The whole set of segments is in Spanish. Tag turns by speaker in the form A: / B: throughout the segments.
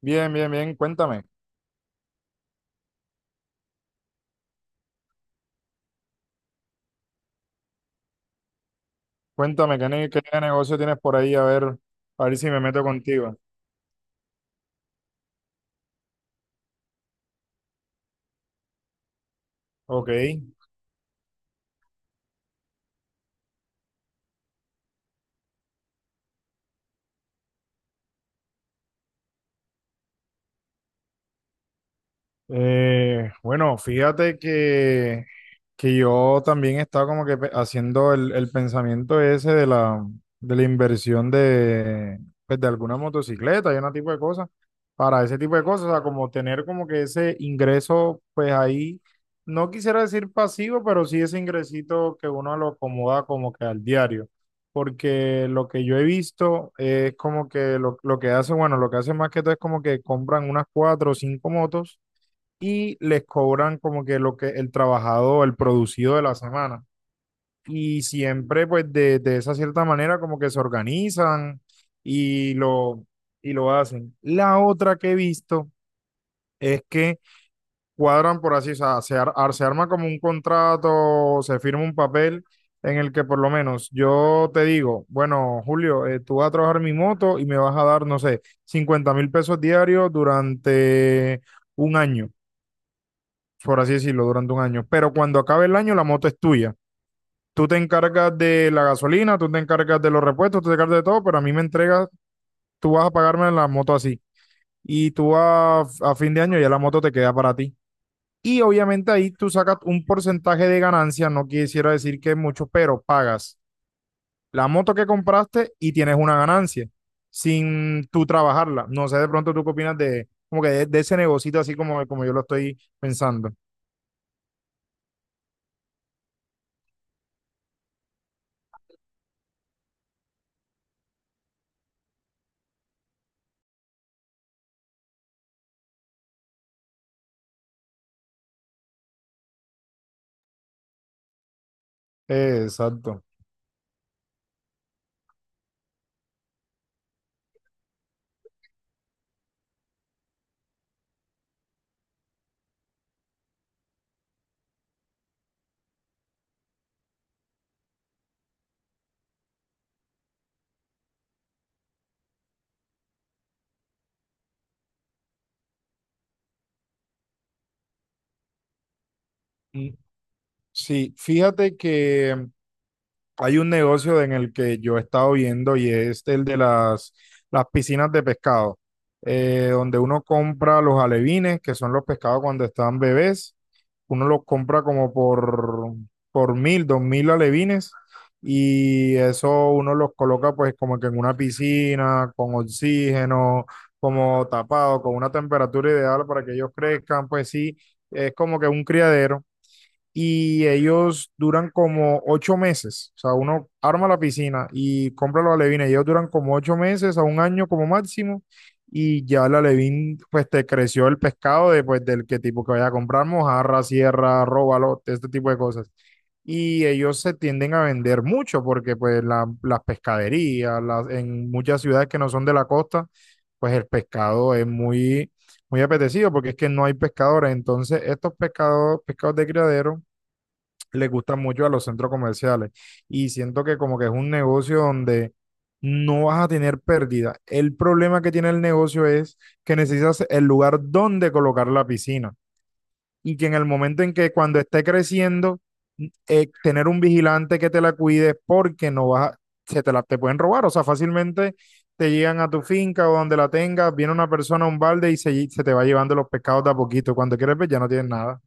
A: Bien, bien, bien. Cuéntame, ¿qué negocio tienes por ahí? A ver, si me meto contigo. Ok. Bueno, fíjate que yo también estaba como que haciendo el pensamiento ese de la inversión pues, de alguna motocicleta y una tipo de cosas, para ese tipo de cosas, o sea, como tener como que ese ingreso, pues ahí, no quisiera decir pasivo, pero sí ese ingresito que uno lo acomoda como que al diario, porque lo que yo he visto es como que lo que hace, bueno, lo que hace más que todo es como que compran unas cuatro o cinco motos y les cobran como que lo que el trabajado, el producido de la semana. Y siempre pues de esa cierta manera como que se organizan y lo, y lo hacen. La otra que he visto es que cuadran por así, o sea, se arma como un contrato, se firma un papel en el que por lo menos yo te digo, bueno, Julio, tú vas a trabajar mi moto y me vas a dar, no sé, 50.000 pesos diarios durante un año por así decirlo, durante un año. Pero cuando acabe el año, la moto es tuya. Tú te encargas de la gasolina, tú te encargas de los repuestos, tú te encargas de todo, pero a mí me entregas, tú vas a pagarme la moto así. Y tú a fin de año ya la moto te queda para ti. Y obviamente ahí tú sacas un porcentaje de ganancia, no quisiera decir que es mucho, pero pagas la moto que compraste y tienes una ganancia sin tú trabajarla. No sé, de pronto tú qué opinas de, como que de ese negocito así como yo lo estoy pensando. Exacto. Sí, fíjate que hay un negocio en el que yo he estado viendo y es el de las piscinas de pescado, donde uno compra los alevines, que son los pescados cuando están bebés, uno los compra como por 1000, 2000 alevines y eso uno los coloca pues como que en una piscina con oxígeno, como tapado, con una temperatura ideal para que ellos crezcan, pues sí, es como que un criadero y ellos duran como 8 meses. O sea, uno arma la piscina y compra los alevines. Ellos duran como ocho meses a un año como máximo. Y ya el alevín, pues te creció el pescado de, pues, del que tipo que vaya a comprar, mojarra, sierra, róbalo, este tipo de cosas. Y ellos se tienden a vender mucho porque pues las pescaderías, las, en muchas ciudades que no son de la costa, pues el pescado es muy, muy apetecido porque es que no hay pescadores. Entonces estos pescados, pescados de criadero le gusta mucho a los centros comerciales. Y siento que como que es un negocio donde no vas a tener pérdida. El problema que tiene el negocio es que necesitas el lugar donde colocar la piscina. Y que en el momento en que cuando esté creciendo, tener un vigilante que te la cuide porque no vas a- se te la te pueden robar. O sea, fácilmente te llegan a tu finca o donde la tengas, viene una persona a un balde y se te va llevando los pescados de a poquito. Cuando quieres ver, ya no tienes nada.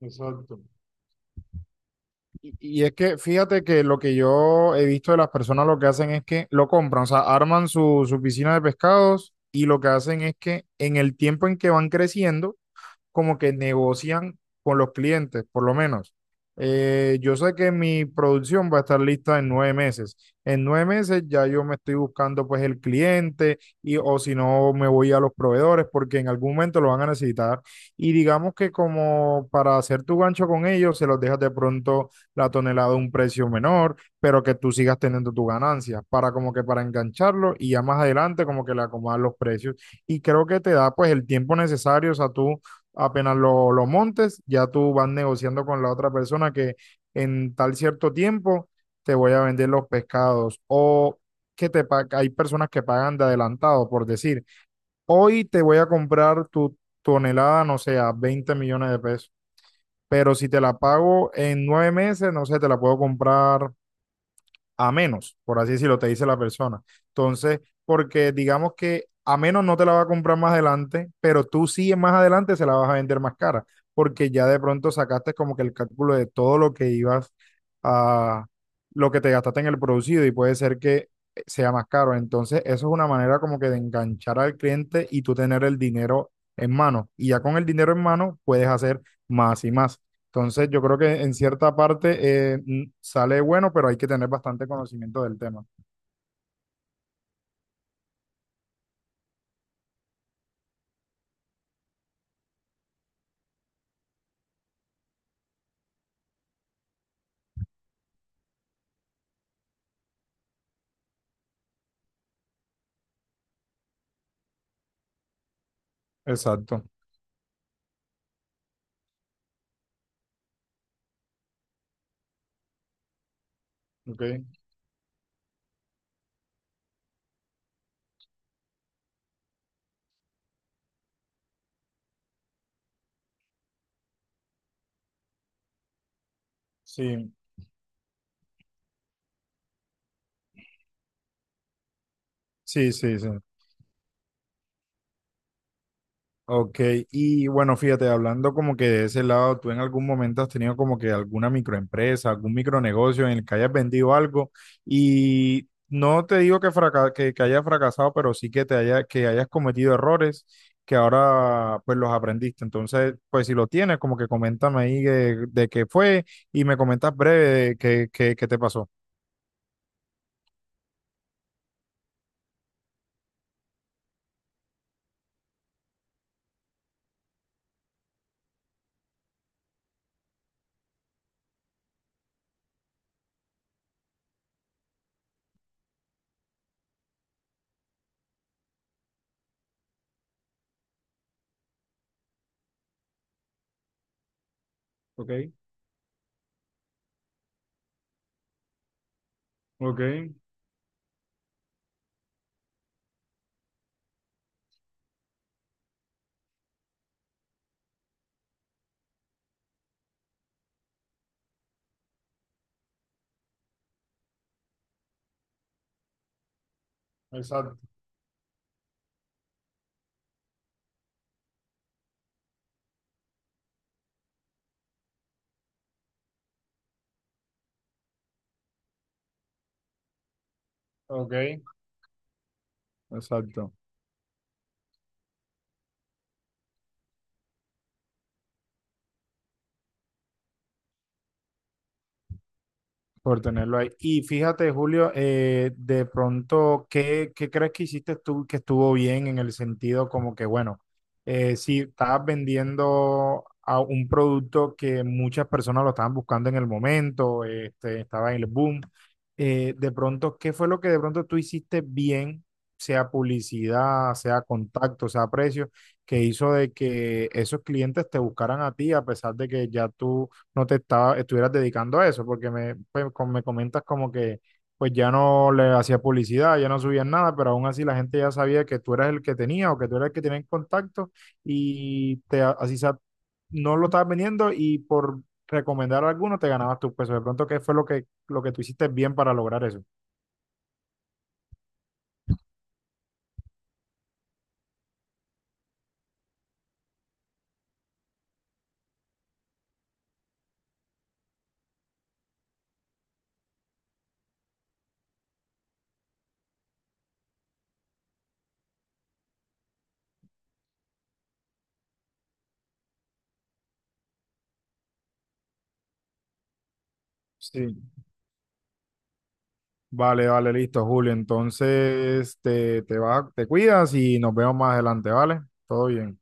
A: Exacto. Y es que fíjate que lo que yo he visto de las personas lo que hacen es que lo compran, o sea, arman su piscina de pescados y lo que hacen es que en el tiempo en que van creciendo, como que negocian con los clientes, por lo menos. Yo sé que mi producción va a estar lista en 9 meses. En nueve meses ya yo me estoy buscando pues el cliente y o si no me voy a los proveedores porque en algún momento lo van a necesitar. Y digamos que como para hacer tu gancho con ellos, se los dejas de pronto la tonelada a un precio menor, pero que tú sigas teniendo tu ganancia para como que para engancharlo y ya más adelante como que le acomodas los precios. Y creo que te da pues el tiempo necesario, o sea, tú apenas lo montes, ya tú vas negociando con la otra persona que en tal cierto tiempo te voy a vender los pescados o hay personas que pagan de adelantado por decir, hoy te voy a comprar tu tonelada, no sé, a 20 millones de pesos, pero si te la pago en 9 meses, no sé, te la puedo comprar a menos, por así decirlo, te dice la persona. Entonces, porque digamos que a menos no te la va a comprar más adelante, pero tú sí más adelante se la vas a vender más cara, porque ya de pronto sacaste como que el cálculo de todo lo que ibas a, lo que te gastaste en el producido y puede ser que sea más caro. Entonces, eso es una manera como que de enganchar al cliente y tú tener el dinero en mano. Y ya con el dinero en mano puedes hacer más y más. Entonces, yo creo que en cierta parte sale bueno, pero hay que tener bastante conocimiento del tema. Exacto. Ok. Sí, sí, sí, sí. Ok, y bueno, fíjate, hablando como que de ese lado, ¿tú en algún momento has tenido como que alguna microempresa, algún micronegocio en el que hayas vendido algo y no te digo que, que hayas fracasado, pero sí que te haya, que hayas cometido errores que ahora pues los aprendiste? Entonces, pues si lo tienes, como que coméntame ahí de, qué fue y me comentas breve de qué te pasó. Ok, ok, exacto, ok, exacto. Por tenerlo ahí. Y fíjate, Julio, de pronto, ¿qué crees que hiciste tú que estuvo bien en el sentido como que, bueno, si estabas vendiendo a un producto que muchas personas lo estaban buscando en el momento, estaba en el boom? De pronto, ¿qué fue lo que de pronto tú hiciste bien, sea publicidad, sea contacto, sea precio, que hizo de que esos clientes te buscaran a ti a pesar de que ya tú no te estaba, estuvieras dedicando a eso, porque pues, me comentas como que pues ya no le hacías publicidad, ya no subías nada, pero aún así la gente ya sabía que tú eras el que tenía o que tú eras el que tenía en contacto y así sea, no lo estabas vendiendo y por recomendar a alguno te ganabas tus pesos. De pronto, ¿qué fue lo que tú hiciste bien para lograr eso? Sí. Vale, vale, listo, Julio. Entonces, te vas, te cuidas y nos vemos más adelante, ¿vale? Todo bien.